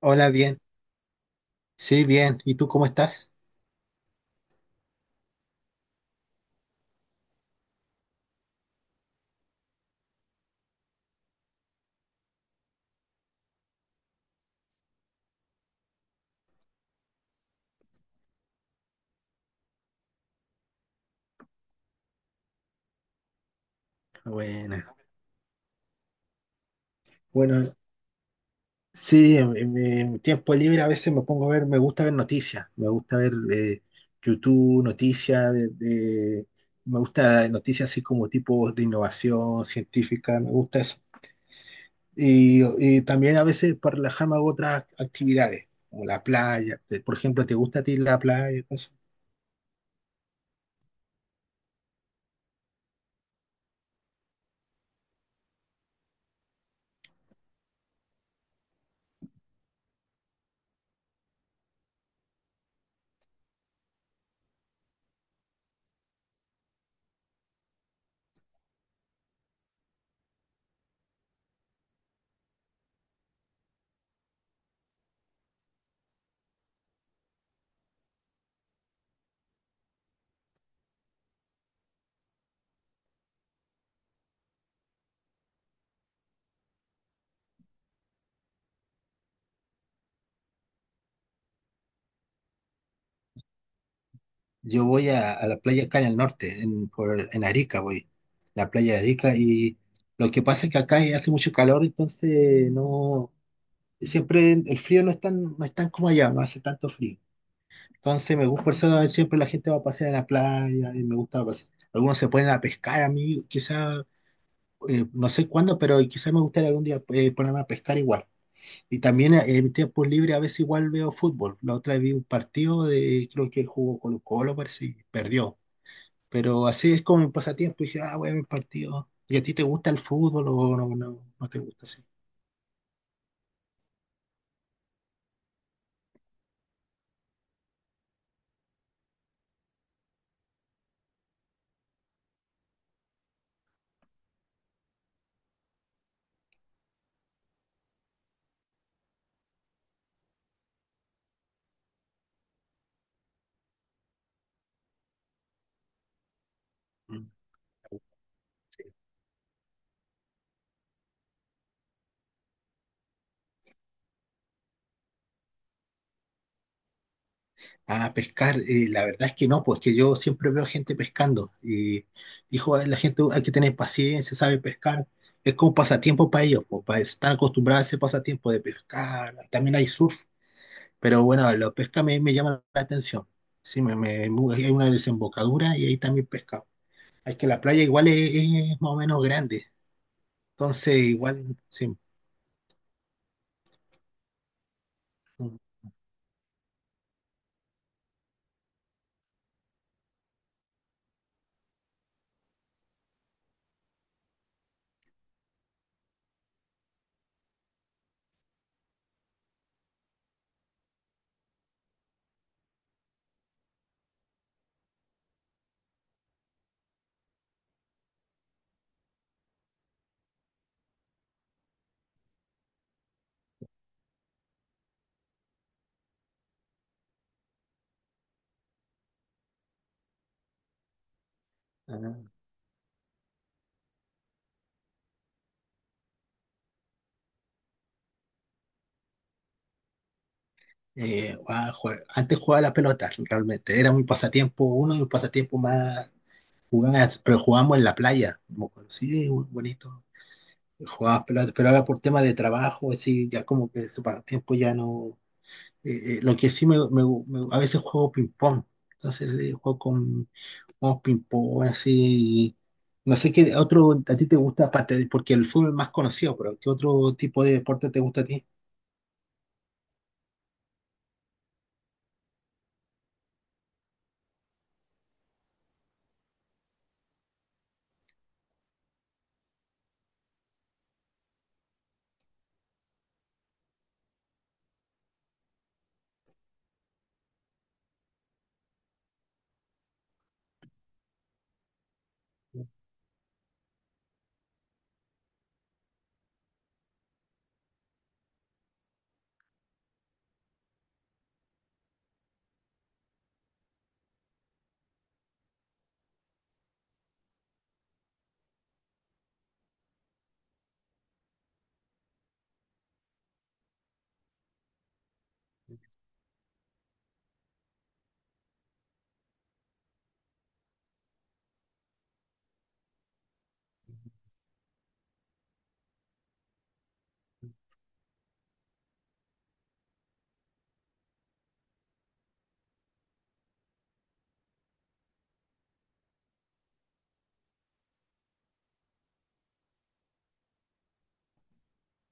Hola, bien. Sí, bien. ¿Y tú cómo estás? Buena. Bueno, sí, en mi tiempo libre a veces me pongo a ver, me gusta ver noticias, me gusta ver YouTube, noticias, me gusta noticias así como tipos de innovación científica, me gusta eso. Y, y también a veces para relajarme hago otras actividades, como la playa. Por ejemplo, ¿te gusta a ti la playa? Yo voy a la playa acá en el norte, en Arica voy, la playa de Arica, y lo que pasa es que acá hace mucho calor, entonces no, siempre el frío no es tan como allá, no hace tanto frío. Entonces me gusta, por eso siempre la gente va a pasear a la playa, y me gusta pasear. Algunos se ponen a pescar a mí, quizá, no sé cuándo, pero quizá me gustaría algún día ponerme a pescar igual. Y también en mi tiempo libre a veces igual veo fútbol. La otra vez vi un partido creo que jugó Colo Colo, parece, y perdió. Pero así es como mi pasatiempo. Y dije, ah, voy a ver partidos. ¿Y a ti te gusta el fútbol o no, no, no te gusta así? Mm. Sí. Ah, pescar, la verdad es que no, pues que yo siempre veo gente pescando y dijo, la gente hay que tener paciencia, sabe pescar, es como pasatiempo para ellos, pues, para estar acostumbrados a ese pasatiempo de pescar, también hay surf, pero bueno, la pesca me llama la atención, sí, hay una desembocadura y ahí también pesca, es que la playa igual es más o menos grande, entonces igual, sí, Ah, antes jugaba la pelota, realmente. Era mi pasatiempo, uno de mis pasatiempos más jugadas, pero jugábamos en la playa. Como que, sí, bonito. Jugábamos pelota, pero ahora por tema de trabajo, así, ya como que ese pasatiempo ya no. Lo que sí a veces juego ping-pong. Entonces, juego ping-pong, así. No sé qué otro a ti te gusta, aparte, porque el fútbol es más conocido, pero ¿qué otro tipo de deporte te gusta a ti?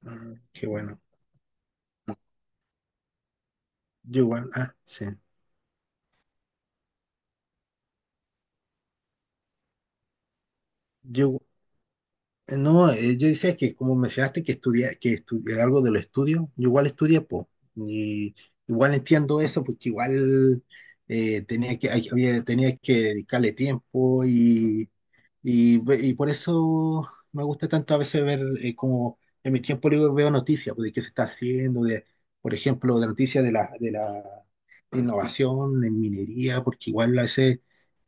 Ah, qué bueno. Yo, igual, ah, sí. Yo, no, yo decía que como mencionaste que estudia algo de los estudios, yo igual estudié, pues, y igual entiendo eso, porque igual tenía que dedicarle tiempo y, Y por eso me gusta tanto a veces ver como en mi tiempo libre veo noticias pues, de qué se está haciendo, de, por ejemplo, de noticias de la innovación en minería, porque igual a veces,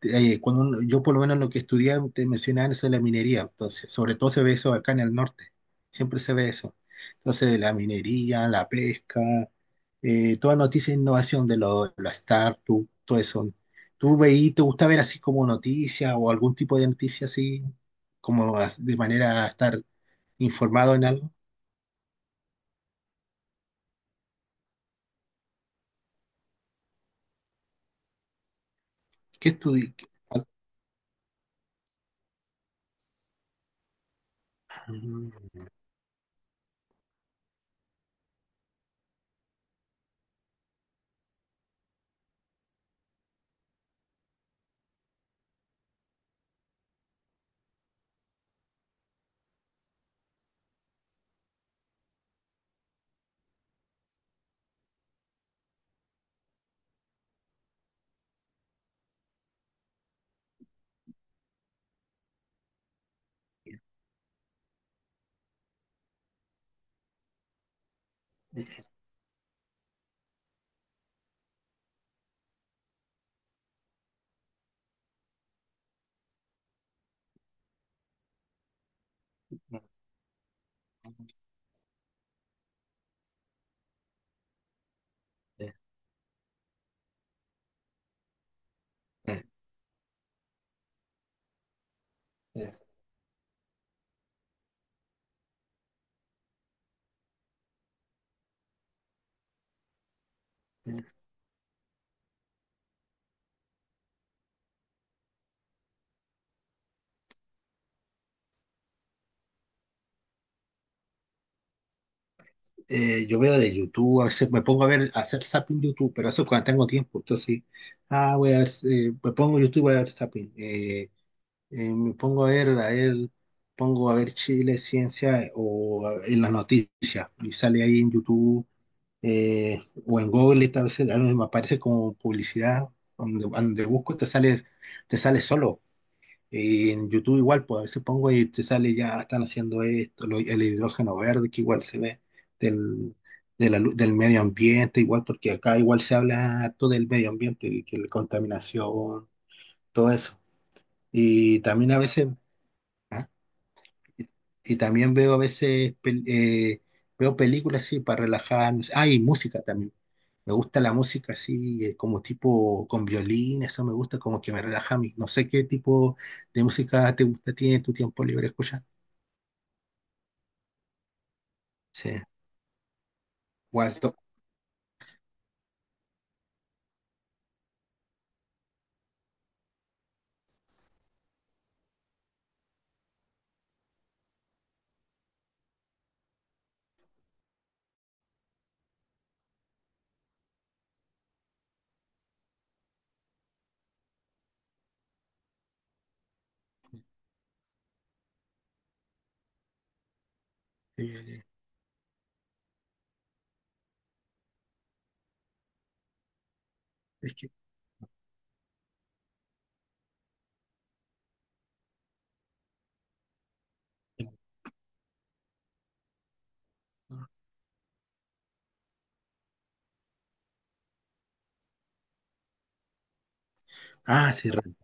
yo por lo menos lo que estudié, te mencionaban eso de la minería, entonces, sobre todo se ve eso acá en el norte, siempre se ve eso. Entonces, la minería, la pesca, toda noticia de innovación la startup, todo eso. ¿Te gusta ver así como noticias o algún tipo de noticia así, de manera a estar informado en algo? ¿Qué estudi- qué- Mm. eh, eh, eh, eh, yo veo de YouTube, a veces me pongo a ver, a hacer zapping YouTube, pero eso es cuando tengo tiempo, entonces, ah, voy a ver, me pongo YouTube, voy a ver zapping, me pongo a ver, pongo a ver Chile, ciencia en las noticias, y sale ahí en YouTube o en Google a veces a mí me aparece como publicidad, donde busco te sale solo. Y en YouTube igual, pues a veces pongo y te sale ya, están haciendo esto, el hidrógeno verde que igual se ve del, de la lu- del medio ambiente, igual porque acá igual se habla harto del medio ambiente, y que la contaminación, todo eso. Y también a veces, ¿ah? y, y también veo a veces, veo películas, sí, para relajarme. Ah, y música también. Me gusta la música así, como tipo con violín, eso me gusta, como que me relaja a mí. No sé qué tipo de música te gusta, tiene tu tiempo libre escuchar. Sí. Waldo. Eh, es que- Ah, sí,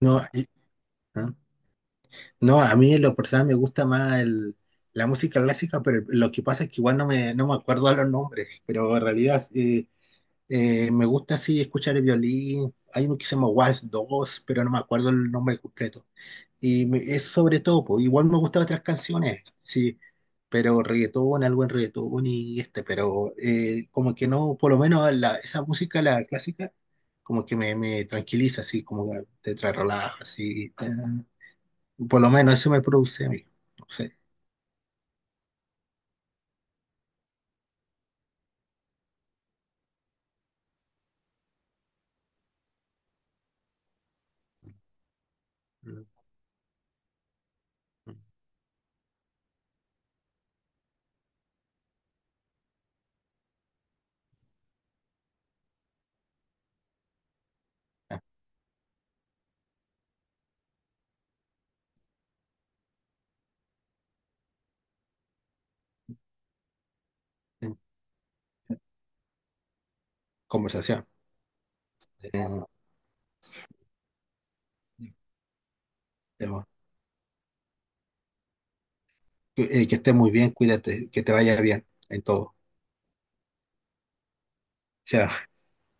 no, ah. No, a mí en lo personal me gusta más la música clásica, pero lo que pasa es que igual no me acuerdo a los nombres, pero en realidad me gusta así escuchar el violín. Hay uno que se llama Waltz 2, pero no me acuerdo el nombre completo. Es sobre todo, po, igual me gustan otras canciones, sí, pero reggaetón, algo en reggaetón y este, pero como que no, por lo menos esa música, la clásica, como que me tranquiliza, así, como que te trae relaja, así, por lo menos eso me produce a mí, no sé, Mm, mm. eh, Conversación. eh, Tema. Que estés muy bien, cuídate, que te vaya bien en todo. Chao.